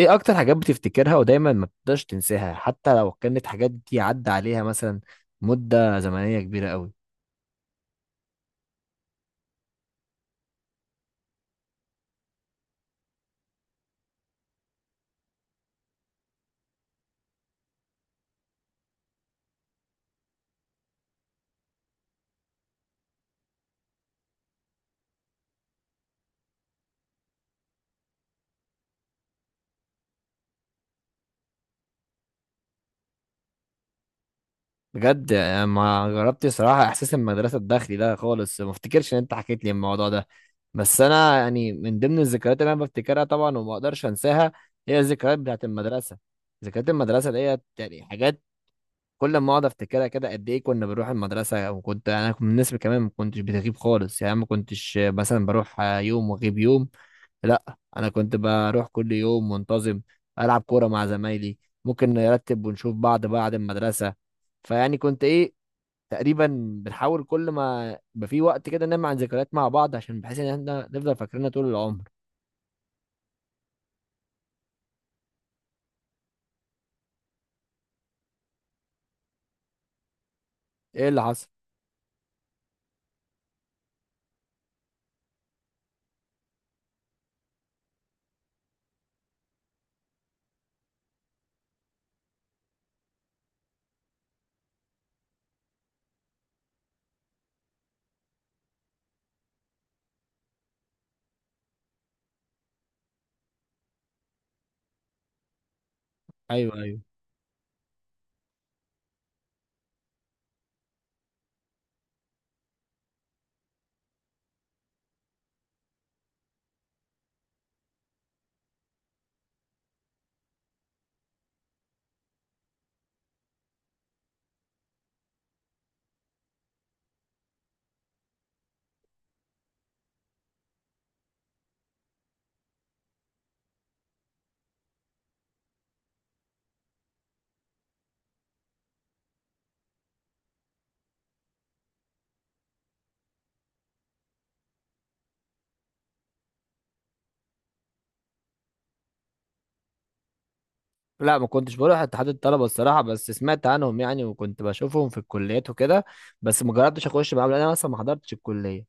ايه اكتر حاجات بتفتكرها ودايما ما بتقدرش تنساها حتى لو كانت حاجات دي عدى عليها مثلا مدة زمنية كبيرة قوي. بجد يعني ما جربت صراحة احساس المدرسة الداخلي ده خالص، ما افتكرش ان انت حكيت لي الموضوع ده. بس انا يعني من ضمن الذكريات اللي انا بفتكرها طبعا وما اقدرش انساها هي الذكريات بتاعت المدرسة. ذكريات المدرسة ديت يعني حاجات كل ما اقعد افتكرها كده قد ايه. كنا بنروح المدرسه، وكنت انا من الناس اللي كمان ما كنتش بتغيب خالص، يعني ما كنتش مثلا بروح يوم واغيب يوم. لا، انا كنت بروح كل يوم منتظم، العب كوره مع زمايلي، ممكن نرتب ونشوف بعض بعد المدرسه. فيعني كنت ايه تقريبا، بنحاول كل ما يبقى في وقت كده نعمل عن ذكريات مع بعض عشان بحيث ان احنا نفضل فاكرينها طول العمر. ايه اللي حصل؟ ايوه ايوه. لا ما كنتش بروح اتحاد الطلبه الصراحه، بس سمعت عنهم يعني وكنت بشوفهم في الكليات وكده، بس ما جربتش اخش معاهم لان انا اصلا ما حضرتش الكليه.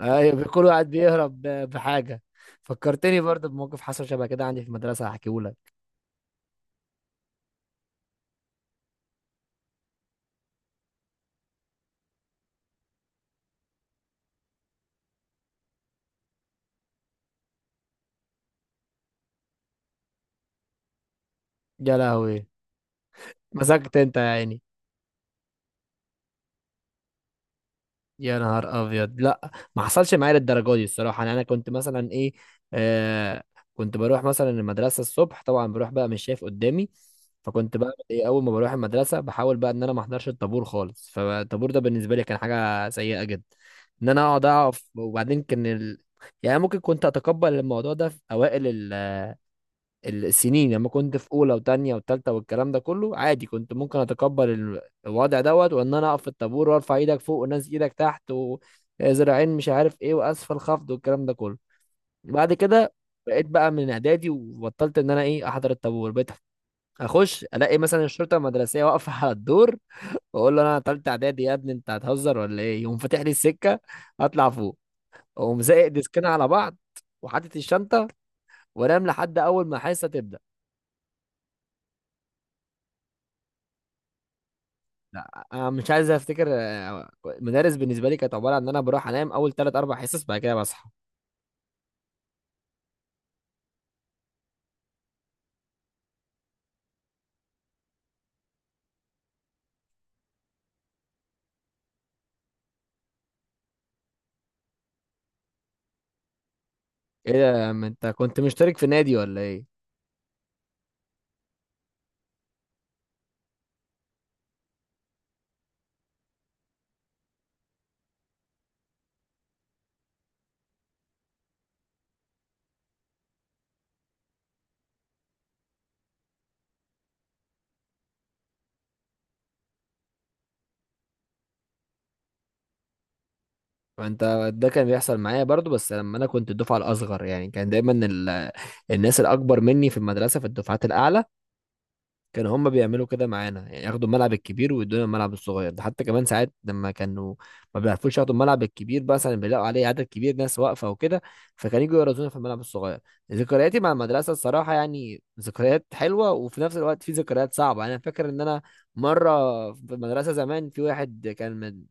ايوه كل واحد بيهرب بحاجه. فكرتني برضه بموقف حصل شبه كده عندي في المدرسه هحكيهولك. يا لهوي! مسكت انت يا عيني. يا نهار ابيض! لا ما حصلش معايا للدرجه دي الصراحه، يعني انا كنت مثلا ايه آه كنت بروح مثلا المدرسه الصبح، طبعا بروح بقى مش شايف قدامي، فكنت بقى ايه اول ما بروح المدرسه بحاول بقى ان انا ما احضرش الطابور خالص. فالطابور ده بالنسبه لي كان حاجه سيئه جدا ان انا اقعد اقف، وبعدين كان يعني ممكن كنت اتقبل الموضوع ده في اوائل السنين لما كنت في اولى وتانية وتالتة والكلام ده كله عادي، كنت ممكن اتقبل الوضع دوت وان انا اقف في الطابور وارفع ايدك فوق وناس ايدك تحت وذراعين مش عارف ايه واسفل خفض والكلام ده كله. بعد كده بقيت بقى من اعدادي وبطلت ان انا ايه احضر الطابور. بقيت اخش الاقي مثلا الشرطه المدرسيه واقفه على الدور، واقول له انا تالتة اعدادي يا ابني انت هتهزر ولا ايه، يقوم فاتح لي السكه، اطلع فوق، اقوم زائق ديسكنا على بعض وحاطط الشنطه وانام لحد اول ما حصه تبدا. أنا مش عايز افتكر مدارس بالنسبه لي كانت عباره عن ان انا بروح انام اول ثلاث اربع حصص بعد كده بصحى. ايه ده، ما انت كنت مشترك في نادي ولا ايه؟ ما انت ده كان بيحصل معايا برضو، بس لما انا كنت الدفعه الاصغر يعني كان دايما الناس الاكبر مني في المدرسه في الدفعات الاعلى كان هم بيعملوا كده معانا، يعني ياخدوا الملعب الكبير ويدونا الملعب الصغير ده. حتى كمان ساعات لما كانوا ما بيعرفوش ياخدوا الملعب الكبير مثلا بيلاقوا عليه عدد كبير ناس واقفه وكده، فكانوا يجوا يرزونا في الملعب الصغير. ذكرياتي مع المدرسه الصراحه يعني ذكريات حلوه، وفي نفس الوقت في ذكريات صعبه. يعني انا فاكر ان انا مره في المدرسه زمان في واحد كان من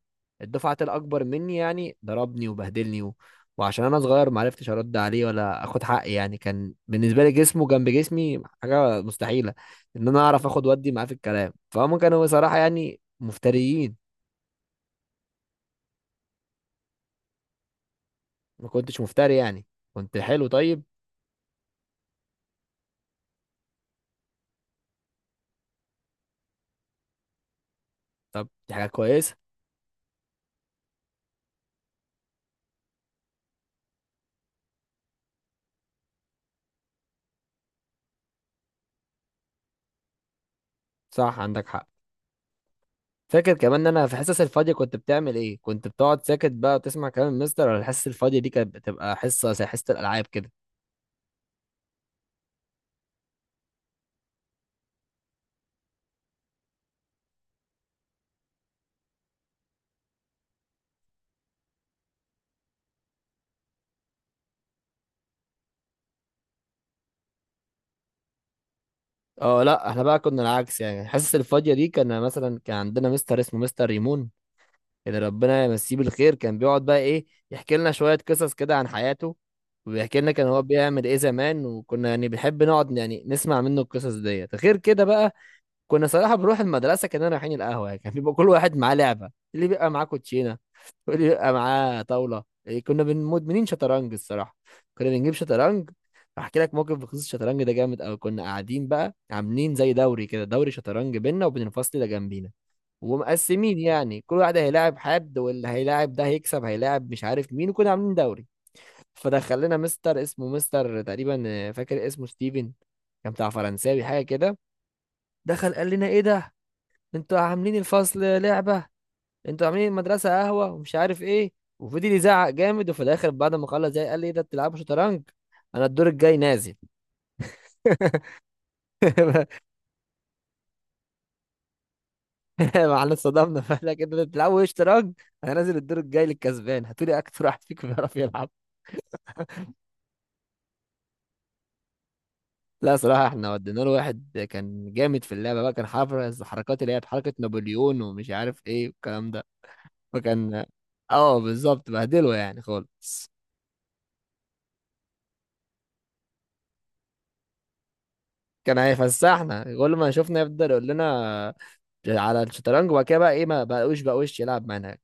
الدفعه الاكبر مني يعني ضربني وبهدلني وعشان انا صغير ما عرفتش ارد عليه ولا اخد حقي، يعني كان بالنسبه لي جسمه جنب جسمي حاجه مستحيله ان انا اعرف اخد ودي معاه في الكلام. فهم كانوا بصراحه يعني مفتريين. ما كنتش مفتري يعني، كنت حلو طيب. طب دي حاجه كويسه. صح عندك حق. فاكر كمان ان انا في الحصص الفاضيه كنت بتعمل ايه، كنت بتقعد ساكت بقى وتسمع كلام المستر، ولا الحصص الفاضيه دي كانت بتبقى حصه زي حصه الالعاب كده؟ اه لا، احنا بقى كنا العكس. يعني الحصص الفاضيه دي كان مثلا كان عندنا مستر اسمه مستر ريمون، اللي ربنا يمسيه بالخير، كان بيقعد بقى ايه يحكي لنا شوية قصص كده عن حياته، وبيحكي لنا كان هو بيعمل ايه زمان، وكنا يعني بنحب نقعد يعني نسمع منه القصص ديت. غير كده بقى كنا صراحة بنروح المدرسة كأننا رايحين القهوة، يعني كان بيبقى كل واحد معاه لعبة، اللي بيبقى معاه كوتشينة واللي بيبقى معاه طاولة، إيه، كنا مدمنين شطرنج الصراحة. كنا بنجيب شطرنج. هحكي لك موقف بخصوص الشطرنج ده جامد أوي. كنا قاعدين بقى عاملين زي دوري كده، دوري شطرنج بينا وبين الفصل اللي جنبينا، ومقسمين يعني كل واحد هيلاعب حد، واللي هيلاعب ده هيكسب هيلاعب مش عارف مين، وكنا عاملين دوري. فدخل لنا مستر اسمه مستر تقريبا فاكر اسمه ستيفن، كان بتاع فرنساوي حاجه كده. دخل قال لنا ايه ده، انتوا عاملين الفصل لعبه، انتوا عاملين المدرسه قهوه ومش عارف ايه، وفضل يزعق جامد. وفي الاخر بعد ما خلص زي، قال لي ايه ده بتلعبوا شطرنج، انا الدور الجاي نازل. احنا اتصدمنا، فقال لك انتوا بتلعبوا ايه شطرنج، انا نازل الدور الجاي للكسبان هاتولي اكتر واحد فيكم بيعرف يلعب. لا صراحة احنا ودينا له واحد كان جامد في اللعبة بقى، كان حافظ حركات اللي هي حركة نابليون ومش عارف ايه والكلام ده، فكان. اه بالظبط بهدله يعني خالص. كان هيفسحنا، كل ما شفنا يفضل يقول لنا على الشطرنج. وبعد كده بقى ايه ما بقوش يلعب معانا.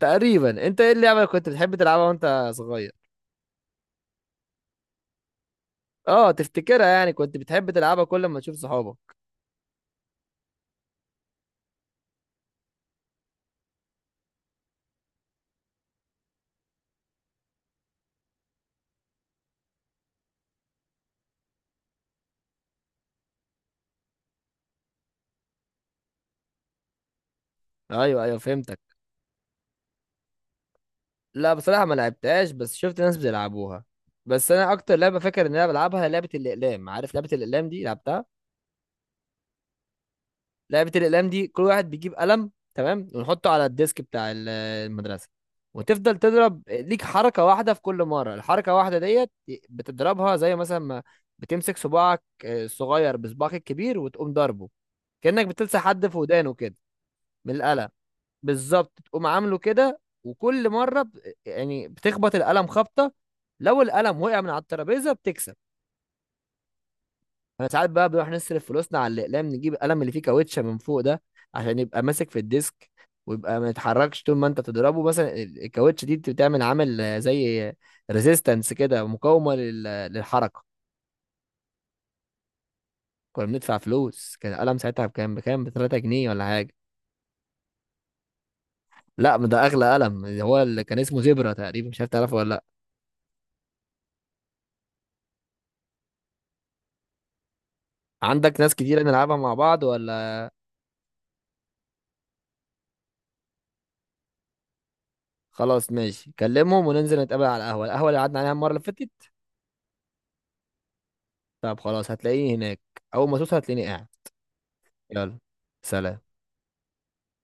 تقريبا. انت ايه اللعبة اللي كنت بتحب تلعبها وانت صغير؟ اه تفتكرها، يعني كنت بتحب تلعبها كل ما تشوف صحابك. ايوه ايوه فهمتك. لا بصراحة ما لعبتهاش، بس شفت ناس بيلعبوها. بس انا اكتر لعبة فاكر ان انا بلعبها هي لعبة الاقلام. عارف لعبة الاقلام دي، لعبتها؟ لعبة الاقلام دي كل واحد بيجيب قلم، تمام، ونحطه على الديسك بتاع المدرسة، وتفضل تضرب ليك حركة واحدة في كل مرة. الحركة واحدة ديت بتضربها زي مثلا ما بتمسك صباعك الصغير بصباعك الكبير وتقوم ضربه، كأنك بتلسع حد في ودانه كده من القلم. بالظبط تقوم عامله كده، وكل مرة يعني بتخبط القلم خبطة. لو القلم وقع من على الترابيزة بتكسب. انا ساعات بقى بنروح نصرف فلوسنا على الأقلام، نجيب القلم اللي فيه كاوتشة من فوق ده عشان يبقى ماسك في الديسك، ويبقى ما يتحركش طول ما انت تضربه. مثلا الكاوتشة دي بتعمل عامل زي ريزيستنس كده، مقاومة للحركة. كنا بندفع فلوس، كان القلم ساعتها بكام ب 3 جنيه ولا حاجة. لا ما ده اغلى قلم، هو اللي كان اسمه زبرة تقريبا، مش عارف تعرفه ولا لا. عندك ناس كتير نلعبها مع بعض ولا؟ خلاص ماشي، كلمهم وننزل نتقابل على القهوة، القهوة اللي قعدنا عليها المرة اللي فاتت. طب خلاص هتلاقيني هناك، أول ما توصل هتلاقيني قاعد. يلا، سلام.